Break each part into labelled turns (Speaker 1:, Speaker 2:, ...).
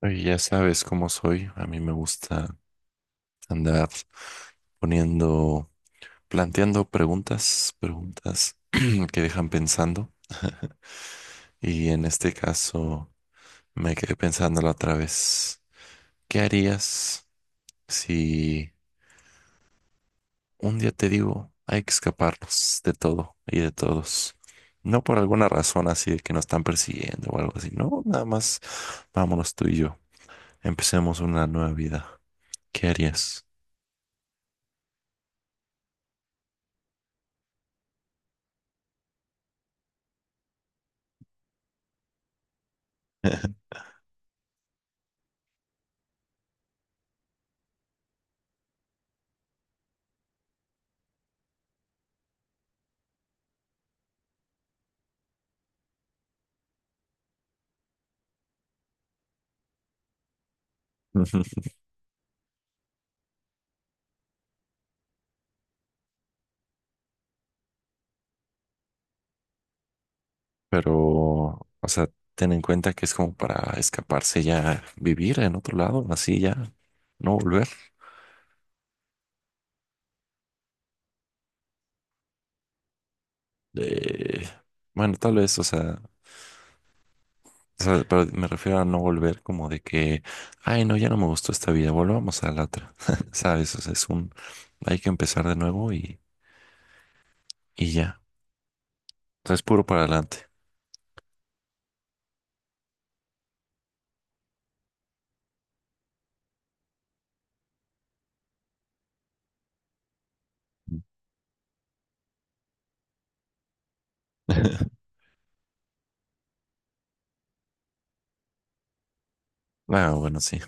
Speaker 1: Oye, ya sabes cómo soy. A mí me gusta andar poniendo, planteando preguntas, preguntas que dejan pensando. Y en este caso me quedé pensándolo otra vez. ¿Qué harías si un día te digo hay que escaparnos de todo y de todos? No por alguna razón así de que nos están persiguiendo o algo así. No, nada más vámonos tú y yo. Empecemos una nueva vida. ¿Qué harías? Pero, o sea, ten en cuenta que es como para escaparse ya, vivir en otro lado, así ya, no volver. Eh, bueno, tal vez, o sea, pero me refiero a no volver como de que, ay, no, ya no me gustó esta vida, volvamos a la otra, ¿sabes? O sea, es un, hay que empezar de nuevo y ya. O sea, es puro para adelante. Ah, bueno, sí.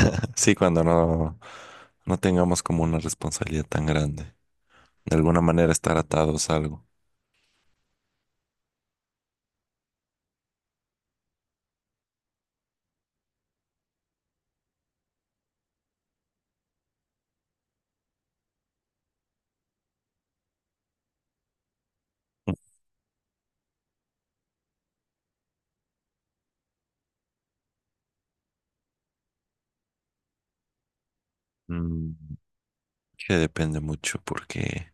Speaker 1: Sí, cuando no, no tengamos como una responsabilidad tan grande. De alguna manera estar atados a algo. Mm. Que depende mucho porque,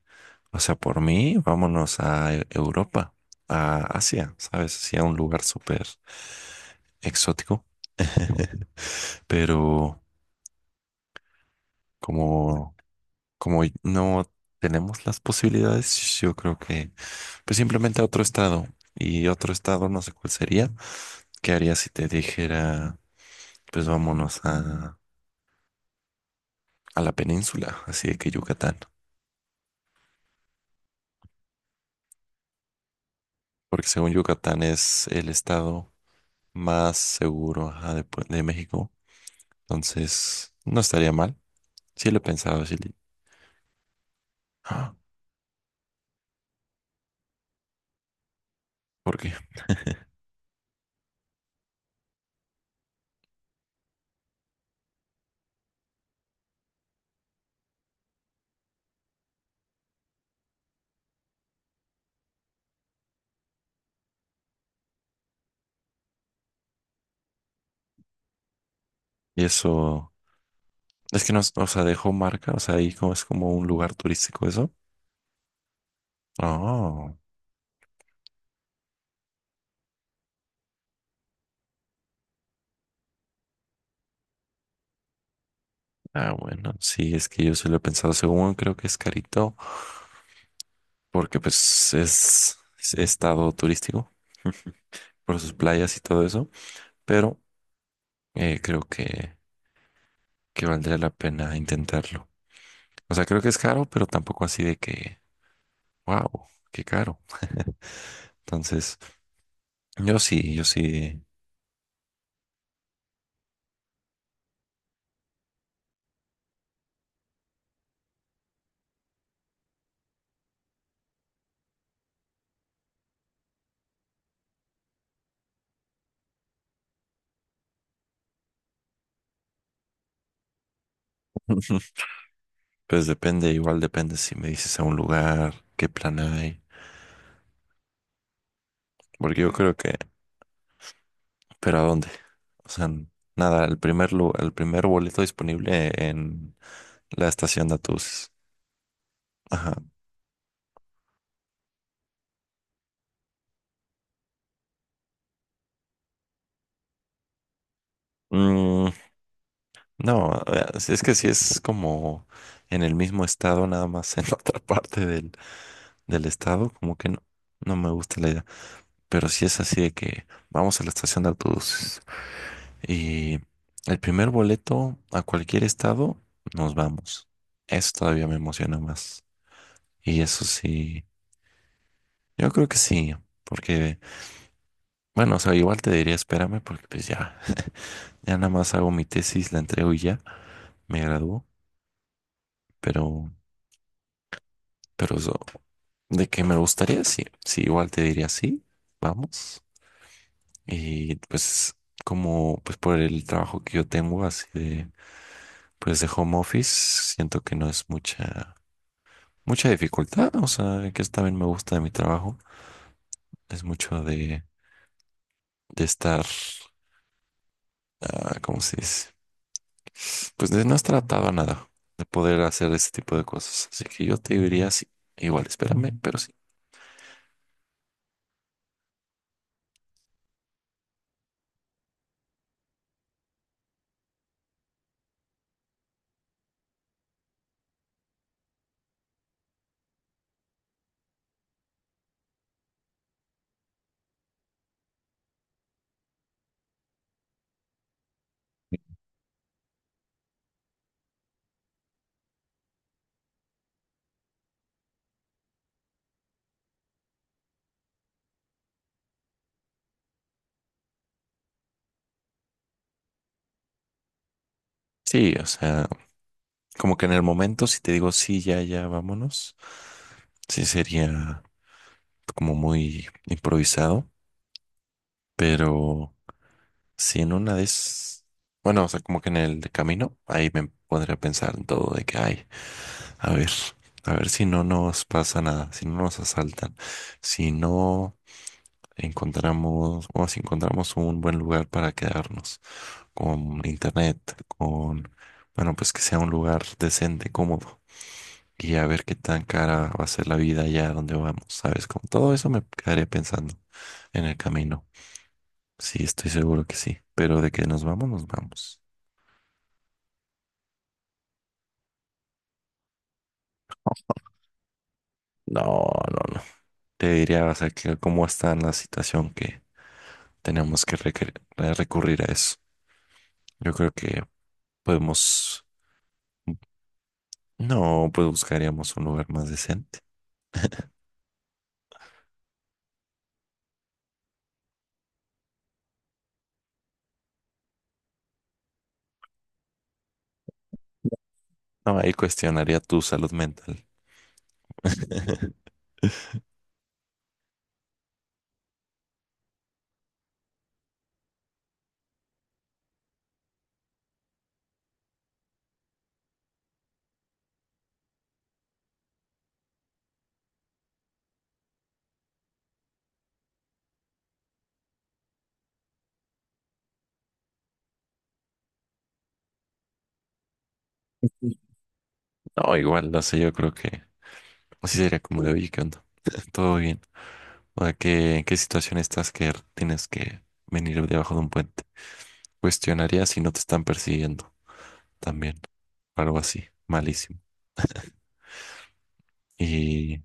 Speaker 1: o sea, por mí, vámonos a Europa, a Asia, ¿sabes? Así a un lugar súper exótico. Pero como, como no tenemos las posibilidades, yo creo que pues simplemente a otro estado. Y otro estado, no sé cuál sería. ¿Qué haría si te dijera, pues vámonos a la península, así de que Yucatán? Porque según Yucatán es el estado más seguro, ajá, después de México. Entonces, no estaría mal. Sí lo he pensado, sí. ¡Ah! ¿Por qué? Y eso, es que no, o sea, dejó marca, o sea, ahí como es como un lugar turístico eso. Oh, ah, bueno, sí, es que yo sí lo he pensado. Según creo que es carito, porque pues es estado turístico por sus playas y todo eso, pero creo que valdría la pena intentarlo. O sea, creo que es caro, pero tampoco así de que wow, qué caro. Entonces, yo sí, yo sí. Pues depende, igual depende si me dices a un lugar, qué plan hay. Porque yo creo que, pero ¿a dónde? O sea, nada, el primer el primer boleto disponible en la estación de autobuses. Ajá. Mm, no, si es que si es como en el mismo estado, nada más en otra parte del, del estado, como que no, no me gusta la idea. Pero si es así de que vamos a la estación de autobuses. Y el primer boleto a cualquier estado, nos vamos. Eso todavía me emociona más. Y eso sí, yo creo que sí, porque, bueno, o sea, igual te diría espérame porque pues ya, ya nada más hago mi tesis, la entrego y ya, me gradúo, pero, pero eso, de que me gustaría, sí, sí, igual te diría sí, vamos. Y pues como, pues por el trabajo que yo tengo así de, pues de home office, siento que no es mucha mucha dificultad, o sea, que es también me gusta de mi trabajo, es mucho de estar, ah, ¿cómo se dice? Pues de no estar atado a nada, de poder hacer ese tipo de cosas. Así que yo te diría sí, igual, espérame, pero sí. Sí, o sea, como que en el momento, si te digo sí, ya, ya, vámonos, sí sería como muy improvisado, pero si en una de esas, bueno, o sea, como que en el camino, ahí me pondría a pensar en todo de que hay. A ver, a ver si no nos pasa nada, si no nos asaltan, si no encontramos o si encontramos un buen lugar para quedarnos, con internet, con, bueno, pues que sea un lugar decente, cómodo, y a ver qué tan cara va a ser la vida allá donde vamos, ¿sabes? Con todo eso me quedaré pensando en el camino. Sí, estoy seguro que sí, pero de que nos vamos, nos vamos. No, no, no. Te diría, o sea, que cómo está la situación que tenemos que recurrir a eso. Yo creo que podemos, no, pues buscaríamos un lugar más decente. No, ahí cuestionaría tu salud mental. No, igual, no sé, yo creo que así sería como de, oye, ¿qué onda? Todo bien. O sea, ¿qué, en qué situación estás que tienes que venir debajo de un puente? Cuestionaría si no te están persiguiendo también. Algo así, malísimo. Y,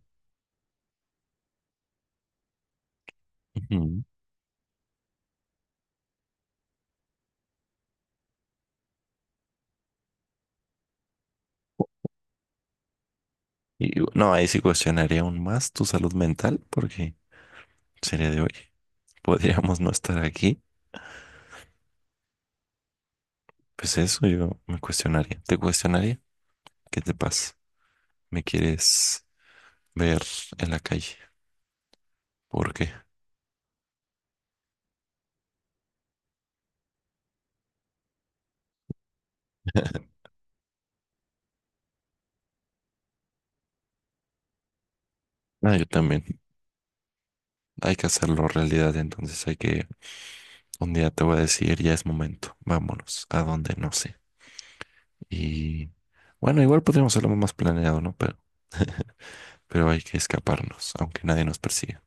Speaker 1: ujú, y no, ahí sí cuestionaría aún más tu salud mental porque sería de, oye, podríamos no estar aquí. Pues eso yo me cuestionaría. ¿Te cuestionaría? ¿Qué te pasa? ¿Me quieres ver en la calle? ¿Por qué? Ah, yo también. Hay que hacerlo realidad, entonces hay que... Un día te voy a decir, ya es momento, vámonos, a dónde no sé. Y bueno, igual podríamos hacerlo más planeado, ¿no? Pero, pero hay que escaparnos, aunque nadie nos persiga.